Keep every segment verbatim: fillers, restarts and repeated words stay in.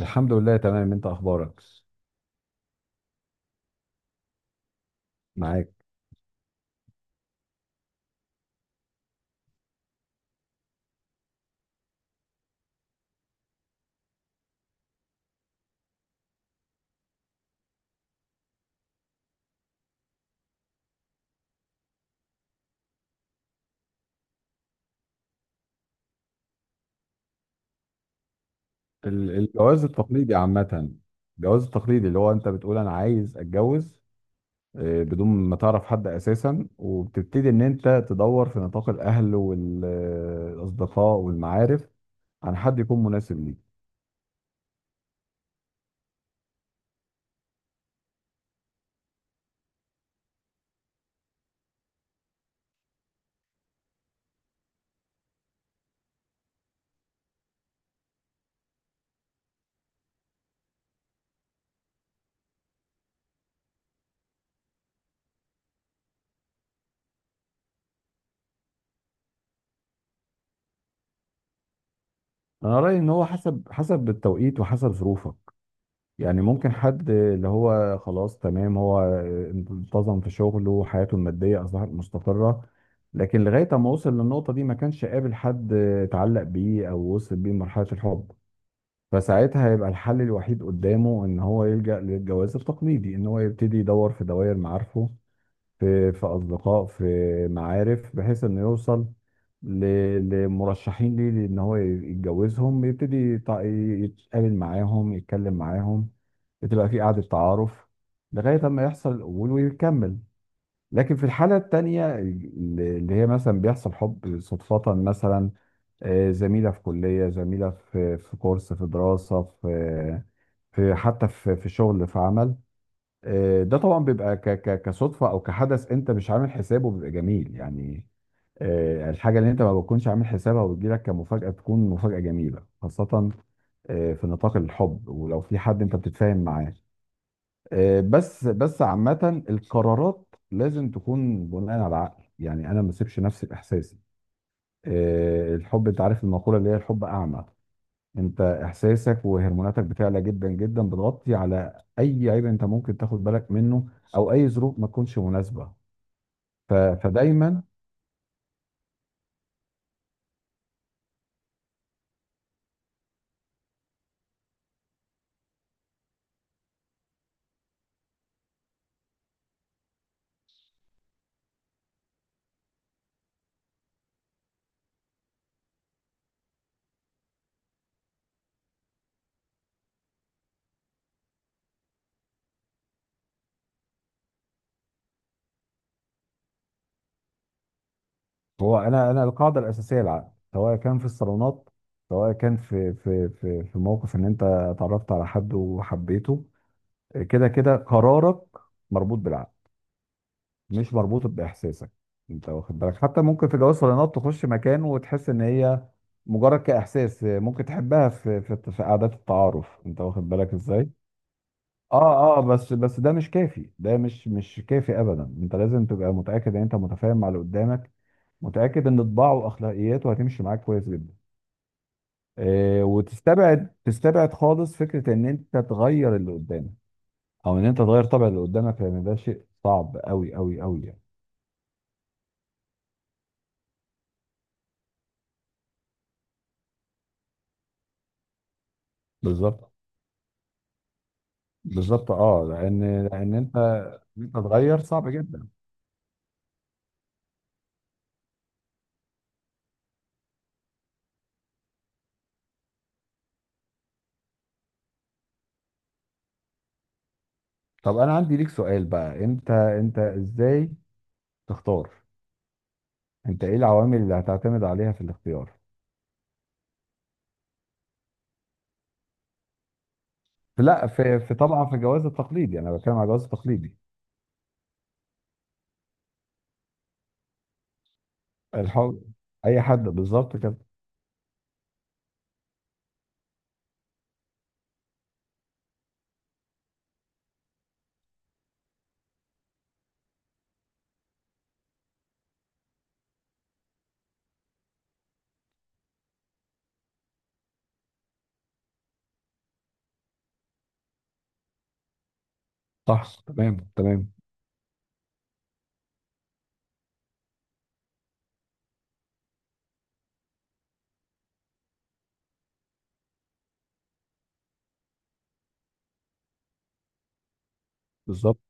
الحمد لله، تمام. انت اخبارك؟ معاك. ال- الجواز التقليدي عامة. الجواز التقليدي اللي هو انت بتقول انا عايز اتجوز، آه، بدون ما تعرف حد اساسا، وبتبتدي ان انت تدور في نطاق الاهل والاصدقاء والمعارف عن حد يكون مناسب ليك. انا رأيي ان هو حسب حسب التوقيت وحسب ظروفك. يعني ممكن حد اللي هو خلاص تمام، هو انتظم في شغله وحياته المادية أصبحت مستقرة، لكن لغاية ما وصل للنقطة دي ما كانش قابل حد اتعلق بيه أو وصل بيه لمرحلة الحب، فساعتها هيبقى الحل الوحيد قدامه إن هو يلجأ للجواز التقليدي، إن هو يبتدي يدور في دوائر معارفه، في في أصدقاء، في معارف، بحيث إنه يوصل ل- لمرشحين ليه إن هو يتجوزهم، يبتدي يتع- يتقابل معاهم، يتكلم معاهم. بتبقى في قعدة تعارف لغاية ما يحصل القبول ويكمل. لكن في الحالة التانية اللي هي مثلا بيحصل حب صدفة مثلا، آه، زميلة في كلية، زميلة في في كورس، في دراسة، في في حتى في في شغل، في عمل. آه، ده طبعا بيبقى ك- ك- كصدفة أو كحدث أنت مش عامل حسابه، بيبقى جميل يعني. آه، الحاجة اللي أنت ما بتكونش عامل حسابها وبتجيلك كمفاجأة، تكون مفاجأة جميلة خاصة آه، في نطاق الحب، ولو في حد أنت بتتفاهم معاه. آه، بس بس عامة، القرارات لازم تكون بناء على العقل، يعني انا ما اسيبش نفسي باحساسي. آه، الحب، انت عارف المقولة اللي هي الحب اعمى. انت احساسك وهرموناتك بتعلى جدا جدا، بتغطي على اي عيب انت ممكن تاخد بالك منه، او اي ظروف ما تكونش مناسبة. ف- فدايما، هو انا انا القاعدة الاساسية العقل، سواء كان في الصالونات، سواء كان في في في في موقف ان انت اتعرفت على حد وحبيته. آه، كده كده قرارك مربوط بالعقل، مش مربوطة بإحساسك. أنت واخد بالك حتى ممكن في جواز صالونات تخش مكان وتحس إن هي، مجرد كإحساس، ممكن تحبها في في, في قعدات التعارف، أنت واخد بالك إزاي؟ آه آه بس بس ده مش كافي، ده مش مش كافي أبدا. أنت لازم تبقى متأكد إن أنت متفاهم مع اللي قدامك، متأكد إن طباعه وأخلاقياته هتمشي معاك كويس جدا. آه، وتستبعد تستبعد خالص فكرة إن أنت تغير اللي قدامك، أو إن أنت تغير طبع اللي قدامك، لأن ده شيء صعب أوي أوي أوي يعني. بالظبط، بالظبط، اه، لان لان انت، إن انت تغير صعب جدا. طب انا عندي ليك سؤال بقى، انت انت ازاي تختار؟ انت ايه العوامل اللي هتعتمد عليها في الاختيار؟ في لا في, في طبعا في الجواز التقليدي، انا بتكلم على الجواز التقليدي. الحب اي حد بالظبط كده. صح، تمام، تمام. بالظبط.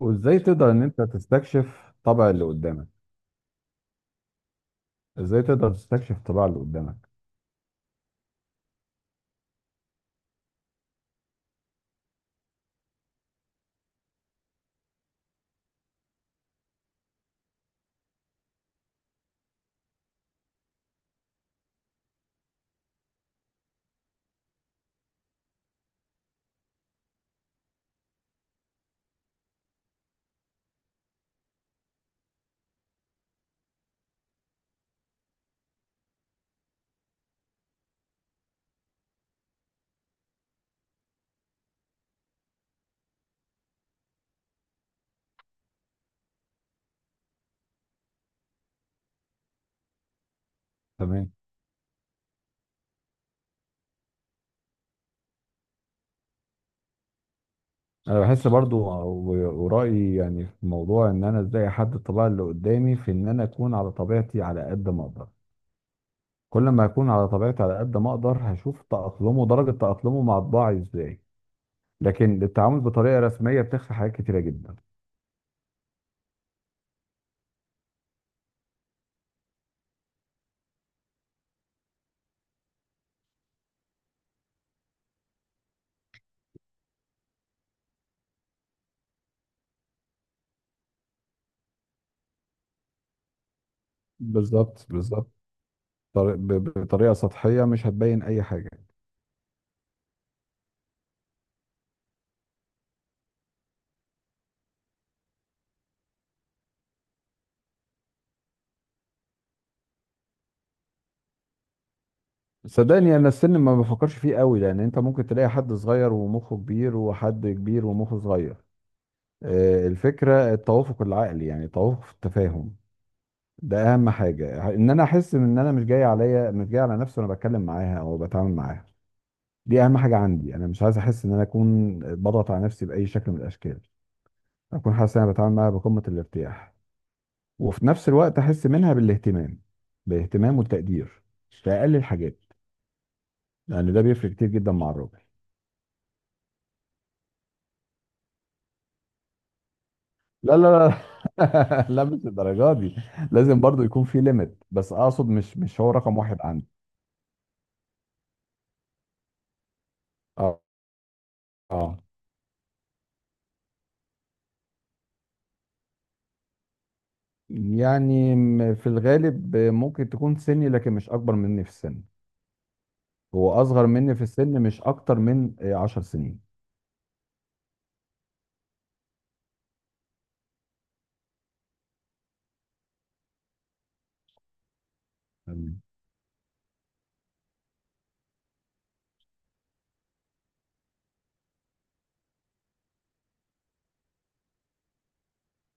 وازاي تقدر ان انت تستكشف طبع اللي قدامك؟ ازاي تقدر تستكشف طباع اللي قدامك؟ تمام. انا بحس برضو و- ورأيي يعني في الموضوع، ان انا ازاي احدد الطبيعة اللي قدامي، في ان انا اكون على طبيعتي على قد ما اقدر. كل ما اكون على طبيعتي على قد ما اقدر، هشوف تأقلمه، درجة تأقلمه مع طباعي ازاي. لكن التعامل بطريقة رسمية بتخفي حاجات كتيرة جدا. بالظبط، بالظبط. طري- ب- بطريقة سطحية مش هتبين اي حاجة. صدقني، انا السن ما بفكرش فيه قوي، لان انت ممكن تلاقي حد صغير ومخه كبير، وحد كبير ومخه صغير. آه، الفكرة التوافق العقلي، يعني التوافق في التفاهم. ده اهم حاجه، ان انا احس ان انا مش جاي عليا، مش جاي على نفسي، وانا بتكلم معاها او بتعامل معاها. دي اهم حاجه عندي. انا مش عايز احس ان انا اكون بضغط على نفسي باي شكل من الاشكال. اكون حاسس ان انا بتعامل معاها بقمه الارتياح، وفي نفس الوقت احس منها بالاهتمام، بالاهتمام والتقدير، في اقل الحاجات، لان ده بيفرق كتير جدا مع الراجل. لا، لا، لا، لا، مش الدرجه دي. لازم برضو يكون في ليميت، بس اقصد مش مش هو رقم واحد عندي. اه، اه، يعني م- في الغالب ممكن تكون سني، لكن مش اكبر مني في السن. هو اصغر مني في السن مش اكتر من آه، عشر سنين. تمام.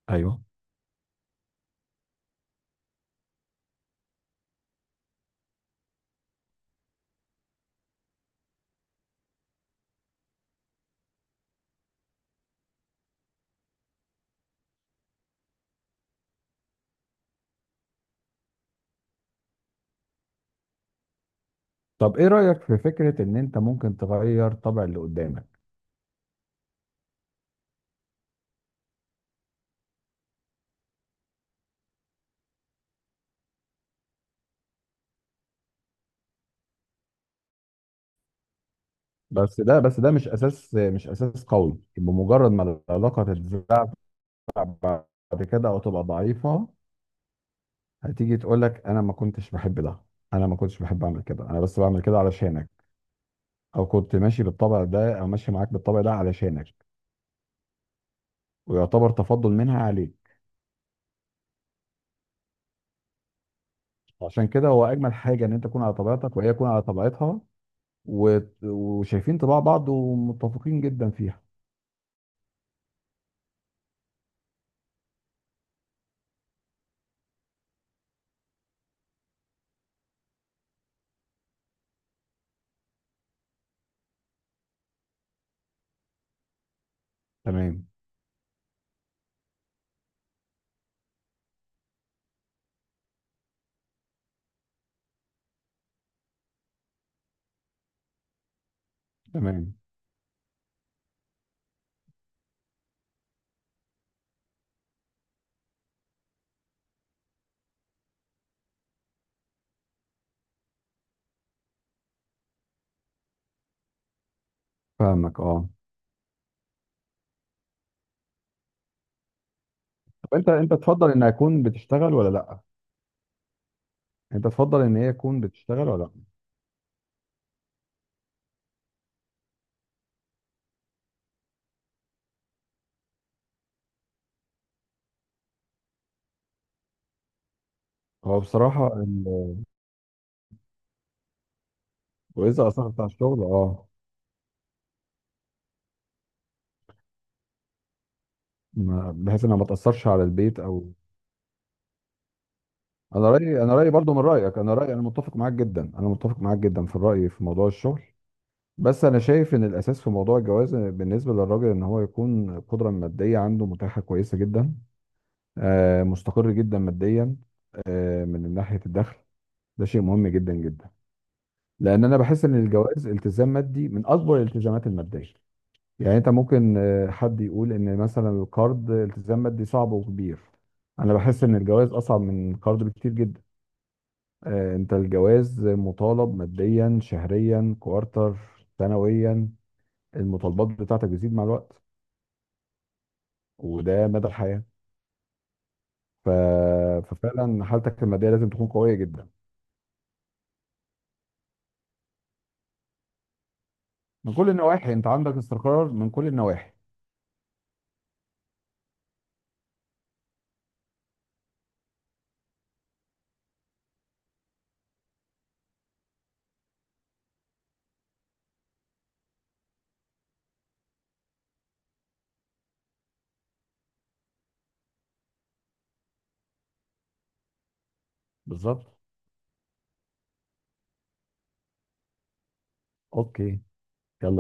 ايوه. طب ايه رأيك في فكرة ان انت ممكن تغير طبع اللي قدامك؟ بس ده بس ده مش اساس مش اساس قوي، بمجرد ما العلاقة تتزعزع بعد كده او تبقى ضعيفة، هتيجي تقول لك انا ما كنتش بحب ده، انا ما كنتش بحب اعمل كده، انا بس بعمل كده علشانك، او كنت ماشي بالطبع ده، او ماشي معاك بالطبع ده علشانك، ويعتبر تفضل منها عليك. عشان كده هو اجمل حاجه ان انت تكون على طبيعتك، وهي تكون على طبيعتها، وت- وشايفين طباع بعض ومتفقين جدا فيها. تمام، تمام. فاهمك، اه. طب انت انت تفضل ان اكون بتشتغل ولا لا؟ انت تفضل ان هي تكون بتشتغل ولا لا؟ هو بصراحه ال- واذا اثر بتاع الشغل، اه، ما- بحيث انها ما تاثرش على البيت او... انا رايي انا رايي برضو من رايك. انا رايي انا متفق معاك جدا انا متفق معاك جدا في الراي في موضوع الشغل. بس انا شايف ان الاساس في موضوع الجواز بالنسبه للراجل، ان هو يكون القدره الماديه عنده متاحه كويسه جدا. آه، مستقر جدا ماديا، آه، من ناحيه الدخل. ده شيء مهم جدا جدا. لان انا بحس ان الجواز التزام مادي، من اكبر الالتزامات الماديه. يعني انت ممكن آه، حد يقول ان مثلا القرض التزام مادي صعب وكبير. انا بحس ان الجواز اصعب من القرض بكتير جدا. آه، انت الجواز مطالب ماديا، شهريا، كوارتر، سنويا. المطالبات بتاعتك بتزيد مع الوقت، وده مدى الحياة. ف... ففعلا حالتك المادية لازم تكون قوية جدا، من كل النواحي. انت عندك استقرار من كل النواحي. بالظبط. اوكي، يلا.